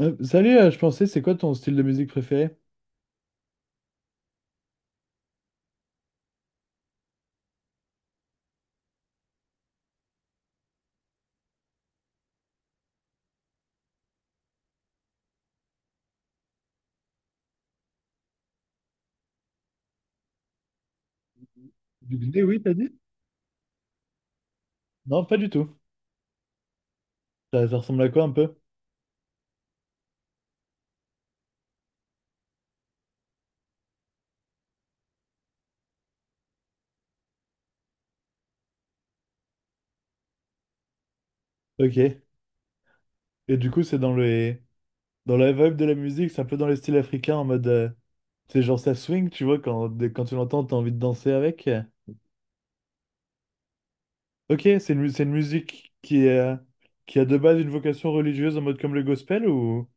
Salut, je pensais, c'est quoi ton style de musique préféré? Du Gné, oui, t'as dit? Non, pas du tout. Ça ressemble à quoi un peu? Ok. Et du coup, c'est dans la vibe de la musique, c'est un peu dans les styles africains en mode. C'est genre ça swing, tu vois, quand tu l'entends, t'as envie de danser avec. Ok, c'est une musique qui est, qui a de base une vocation religieuse en mode comme le gospel ou.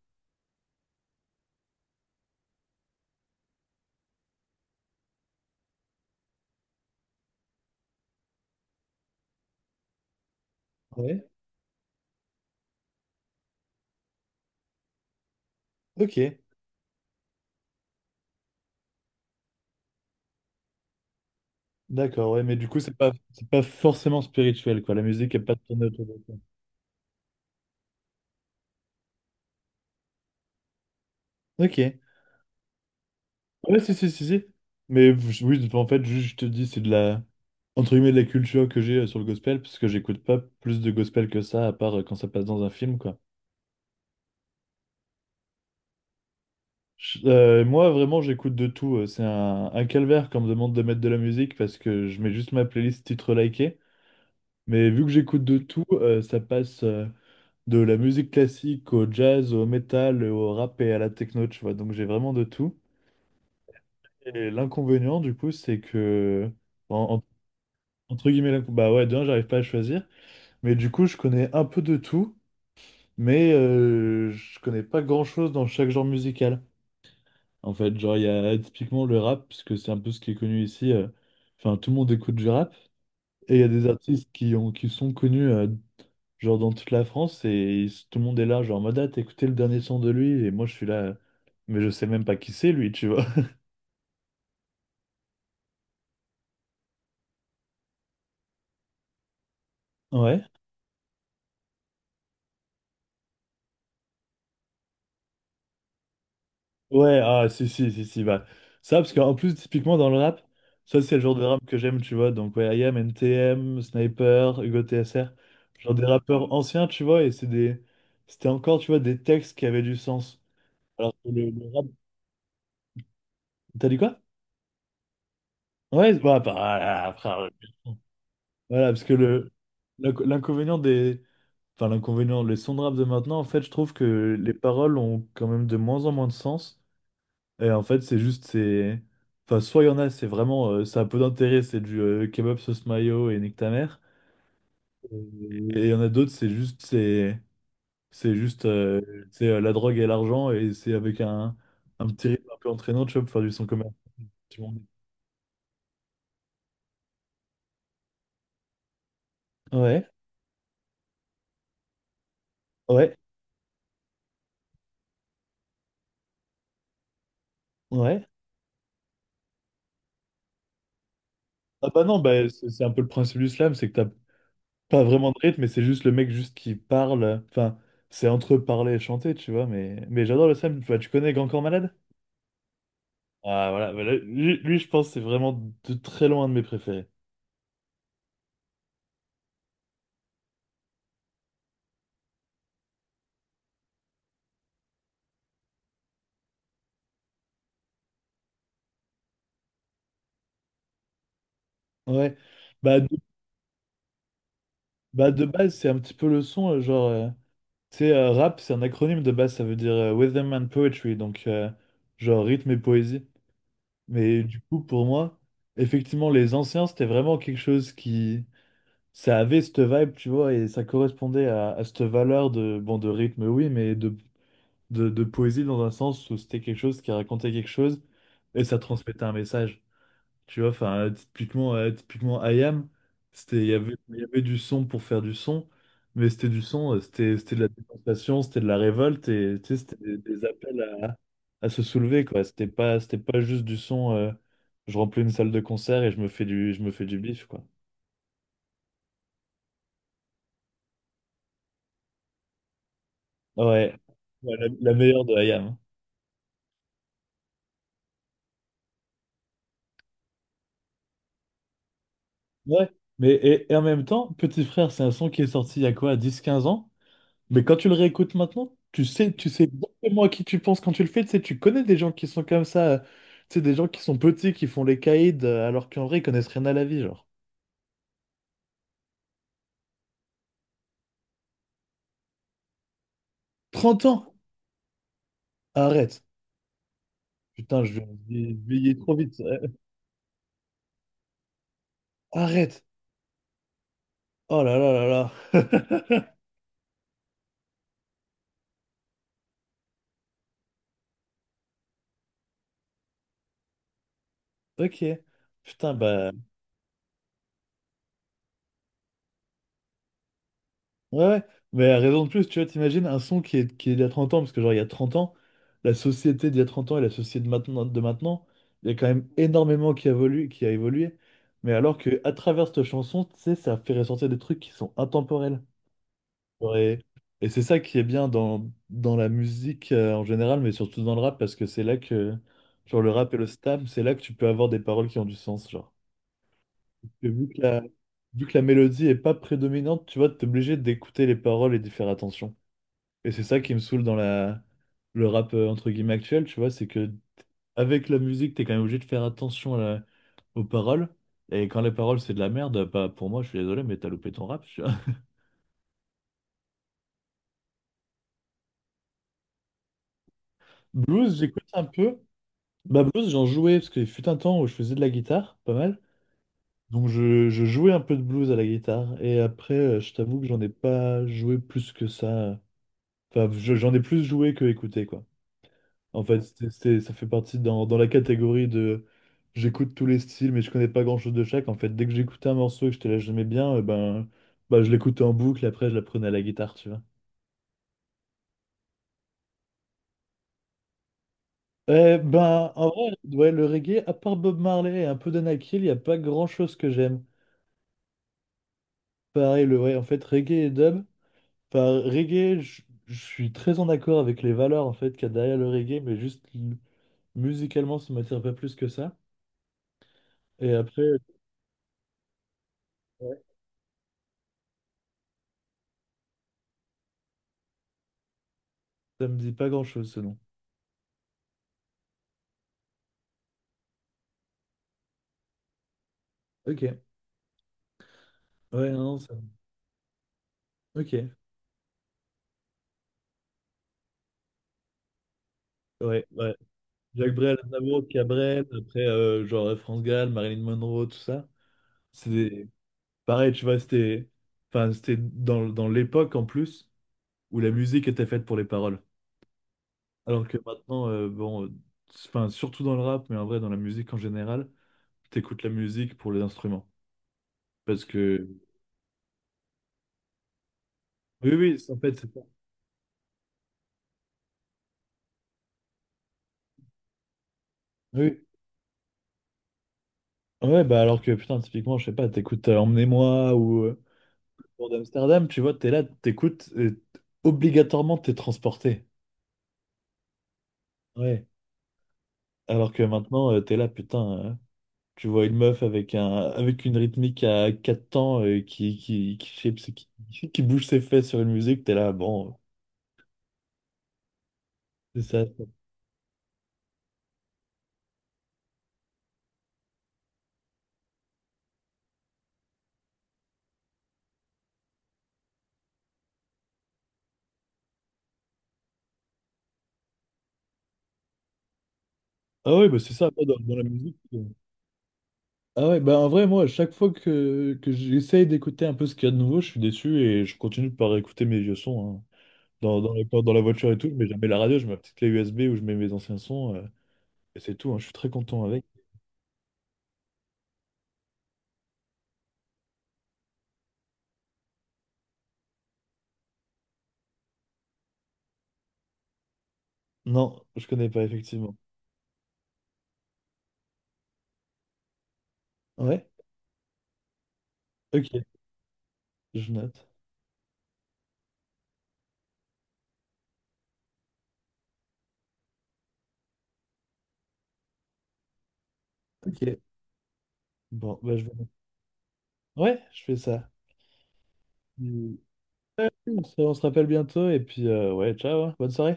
Ouais. Ok, d'accord, ouais, mais du coup, c'est pas forcément spirituel, quoi. La musique est pas tournée autour de ça. Ok. Ouais, si, si, si, si. Mais oui, en fait, juste, je te dis, c'est de la, entre guillemets, de la culture que j'ai sur le gospel, parce que j'écoute pas plus de gospel que ça, à part quand ça passe dans un film, quoi. Moi, vraiment, j'écoute de tout. C'est un calvaire quand on me demande de mettre de la musique, parce que je mets juste ma playlist titre liké. Mais vu que j'écoute de tout, ça passe de la musique classique au jazz, au métal, au rap et à la techno, tu vois. Donc j'ai vraiment de tout. Et l'inconvénient, du coup, c'est que... en Entre guillemets, la... bah ouais, d'un, j'arrive pas à choisir. Mais du coup, je connais un peu de tout, mais je connais pas grand-chose dans chaque genre musical. En fait, genre, il y a typiquement le rap, puisque c'est un peu ce qui est connu ici. Enfin, tout le monde écoute du rap. Et il y a des artistes qui sont connus, genre, dans toute la France, et tout le monde est là, genre, en mode, ah, t'as écouté le dernier son de lui, et moi, je suis là, mais je sais même pas qui c'est, lui, tu vois. Ouais. Ouais, ah, si, si, si, si, bah, ça, parce qu'en plus, typiquement dans le rap, ça, c'est le genre de rap que j'aime, tu vois, donc, ouais, IAM, NTM, Sniper, Hugo TSR, genre des rappeurs anciens, tu vois, et c'était encore, tu vois, des textes qui avaient du sens, alors que le rap, t'as dit quoi? Ouais, bah, bah, ah, ah, frère, voilà, parce que l'inconvénient des, enfin, l'inconvénient, les sons de rap de maintenant, en fait, je trouve que les paroles ont quand même de moins en moins de sens. Et en fait, c'est juste, c'est. Enfin, soit il y en a, c'est vraiment. Ça a peu d'intérêt, c'est du kebab sauce mayo et nique ta mère. Et il y en a d'autres, c'est juste. C'est juste. C'est la drogue et l'argent, et c'est avec un petit rythme un peu entraînant, tu vois, pour faire du son commercial. Ouais, ouais, ouais. Ah bah non, bah, c'est un peu le principe du slam, c'est que t'as pas vraiment de rythme, mais c'est juste le mec juste qui parle. Enfin, c'est entre parler et chanter, tu vois, mais j'adore le slam. Enfin, tu connais Grand Corps Malade? Ah, voilà, voilà. Lui, je pense que c'est vraiment de très loin un de mes préférés. Ouais. Bah, bah, de base, c'est un petit peu le son, genre. Tu sais, rap, c'est un acronyme de base, ça veut dire Rhythm and Poetry, donc genre rythme et poésie. Mais du coup, pour moi, effectivement, les anciens, c'était vraiment quelque chose qui. Ça avait cette vibe, tu vois, et ça correspondait à cette valeur de, bon, de rythme, oui, mais de poésie dans un sens où c'était quelque chose qui racontait quelque chose et ça transmettait un message. Tu vois, enfin, typiquement IAM, c'était, il y avait du son pour faire du son, mais c'était du son, c'était de la démonstration, c'était de la révolte, et tu sais, c'était des appels à se soulever, quoi. C'était pas juste du son, je remplis une salle de concert et je me fais du bif, quoi. Ah ouais, ouais, la meilleure de IAM, hein. Ouais, mais et en même temps, Petit Frère, c'est un son qui est sorti il y a quoi, dix quinze ans? Mais quand tu le réécoutes maintenant, tu sais exactement à qui tu penses quand tu le fais. Tu sais, tu connais des gens qui sont comme ça. Tu sais, des gens qui sont petits, qui font les caïds, alors qu'en vrai, ils connaissent rien à la vie, genre. 30 ans! Arrête! Putain, je vais vieillir trop vite. Arrête! Oh là là là là! Ok. Putain, bah. Ouais, ouais. Mais à raison de plus, tu vois, t'imagines un son qui est d'il y a 30 ans, parce que genre il y a 30 ans, la société d'il y a 30 ans et la société de maintenant, il y a quand même énormément qui a évolué. Mais alors que à travers cette chanson, tu sais, ça fait ressortir des trucs qui sont intemporels. Genre. Et c'est ça qui est bien dans la musique en général, mais surtout dans le rap, parce que c'est là que, genre le rap et le slam, c'est là que tu peux avoir des paroles qui ont du sens, genre. Et vu que la mélodie est pas prédominante, tu vois, t'es obligé d'écouter les paroles et d'y faire attention. Et c'est ça qui me saoule dans le rap entre guillemets actuel, tu vois, c'est que avec la musique, t'es quand même obligé de faire attention aux paroles. Et quand les paroles, c'est de la merde, bah, pour moi, je suis désolé, mais t'as loupé ton rap, tu vois. Blues, j'écoute un peu. Bah, blues, j'en jouais parce qu'il fut un temps où je faisais de la guitare, pas mal. Donc, je jouais un peu de blues à la guitare. Et après, je t'avoue que j'en ai pas joué plus que ça. Enfin, j'en ai plus joué que écouté, quoi. En fait, ça fait partie dans la catégorie de j'écoute tous les styles, mais je connais pas grand-chose de chaque. En fait, dès que j'écoutais un morceau et que je te la j'aimais bien, eh ben, bah, je l'écoutais en boucle, après je la prenais à la guitare, tu vois. Eh ben, en vrai, ouais, le reggae, à part Bob Marley et un peu d'Anakil, il n'y a pas grand-chose que j'aime. Pareil, le ouais, en fait, reggae et dub. Enfin, reggae, je suis très en accord avec les valeurs en fait qu'il y a derrière le reggae, mais musicalement, ça m'attire pas plus que ça. Et après, ouais, ça me dit pas grand-chose ce nom. Ok. Ouais, non, ça... Ok. Ouais, ouais. Jacques Brel, Aznavour, Cabrel, après, genre, France Gall, Marilyn Monroe, tout ça. C'est des- Pareil, tu vois, c'était... Enfin, c'était dans l'époque, en plus, où la musique était faite pour les paroles. Alors que maintenant, bon... Enfin, surtout dans le rap, mais en vrai, dans la musique en général, t'écoutes la musique pour les instruments. Parce que... Oui, oui, en fait, c'est ça. Oui. Ouais, bah alors que, putain, typiquement, je sais pas, t'écoutes Emmenez-moi, ou... Pour d'Amsterdam, tu vois, t'es là, t'écoutes, et obligatoirement t'es transporté. Ouais. Alors que maintenant, t'es là, putain, tu vois une meuf avec un avec une rythmique à quatre temps qui bouge ses fesses sur une musique, t'es là, bon, c'est ça. Ah ouais, bah c'est ça, moi, dans la musique. Ah ouais, bah en vrai, moi, à chaque fois que j'essaye d'écouter un peu ce qu'il y a de nouveau, je suis déçu et je continue par écouter mes vieux sons, hein. Dans la voiture et tout, je mets jamais la radio, je mets ma petite clé USB où je mets mes anciens sons. Et c'est tout, hein, je suis très content avec. Non, je connais pas, effectivement. Ouais? Ok, je note. Ok. Bon, bah je vais... Ouais, je fais ça. Mm. On se rappelle bientôt et puis ouais, ciao, hein, bonne soirée.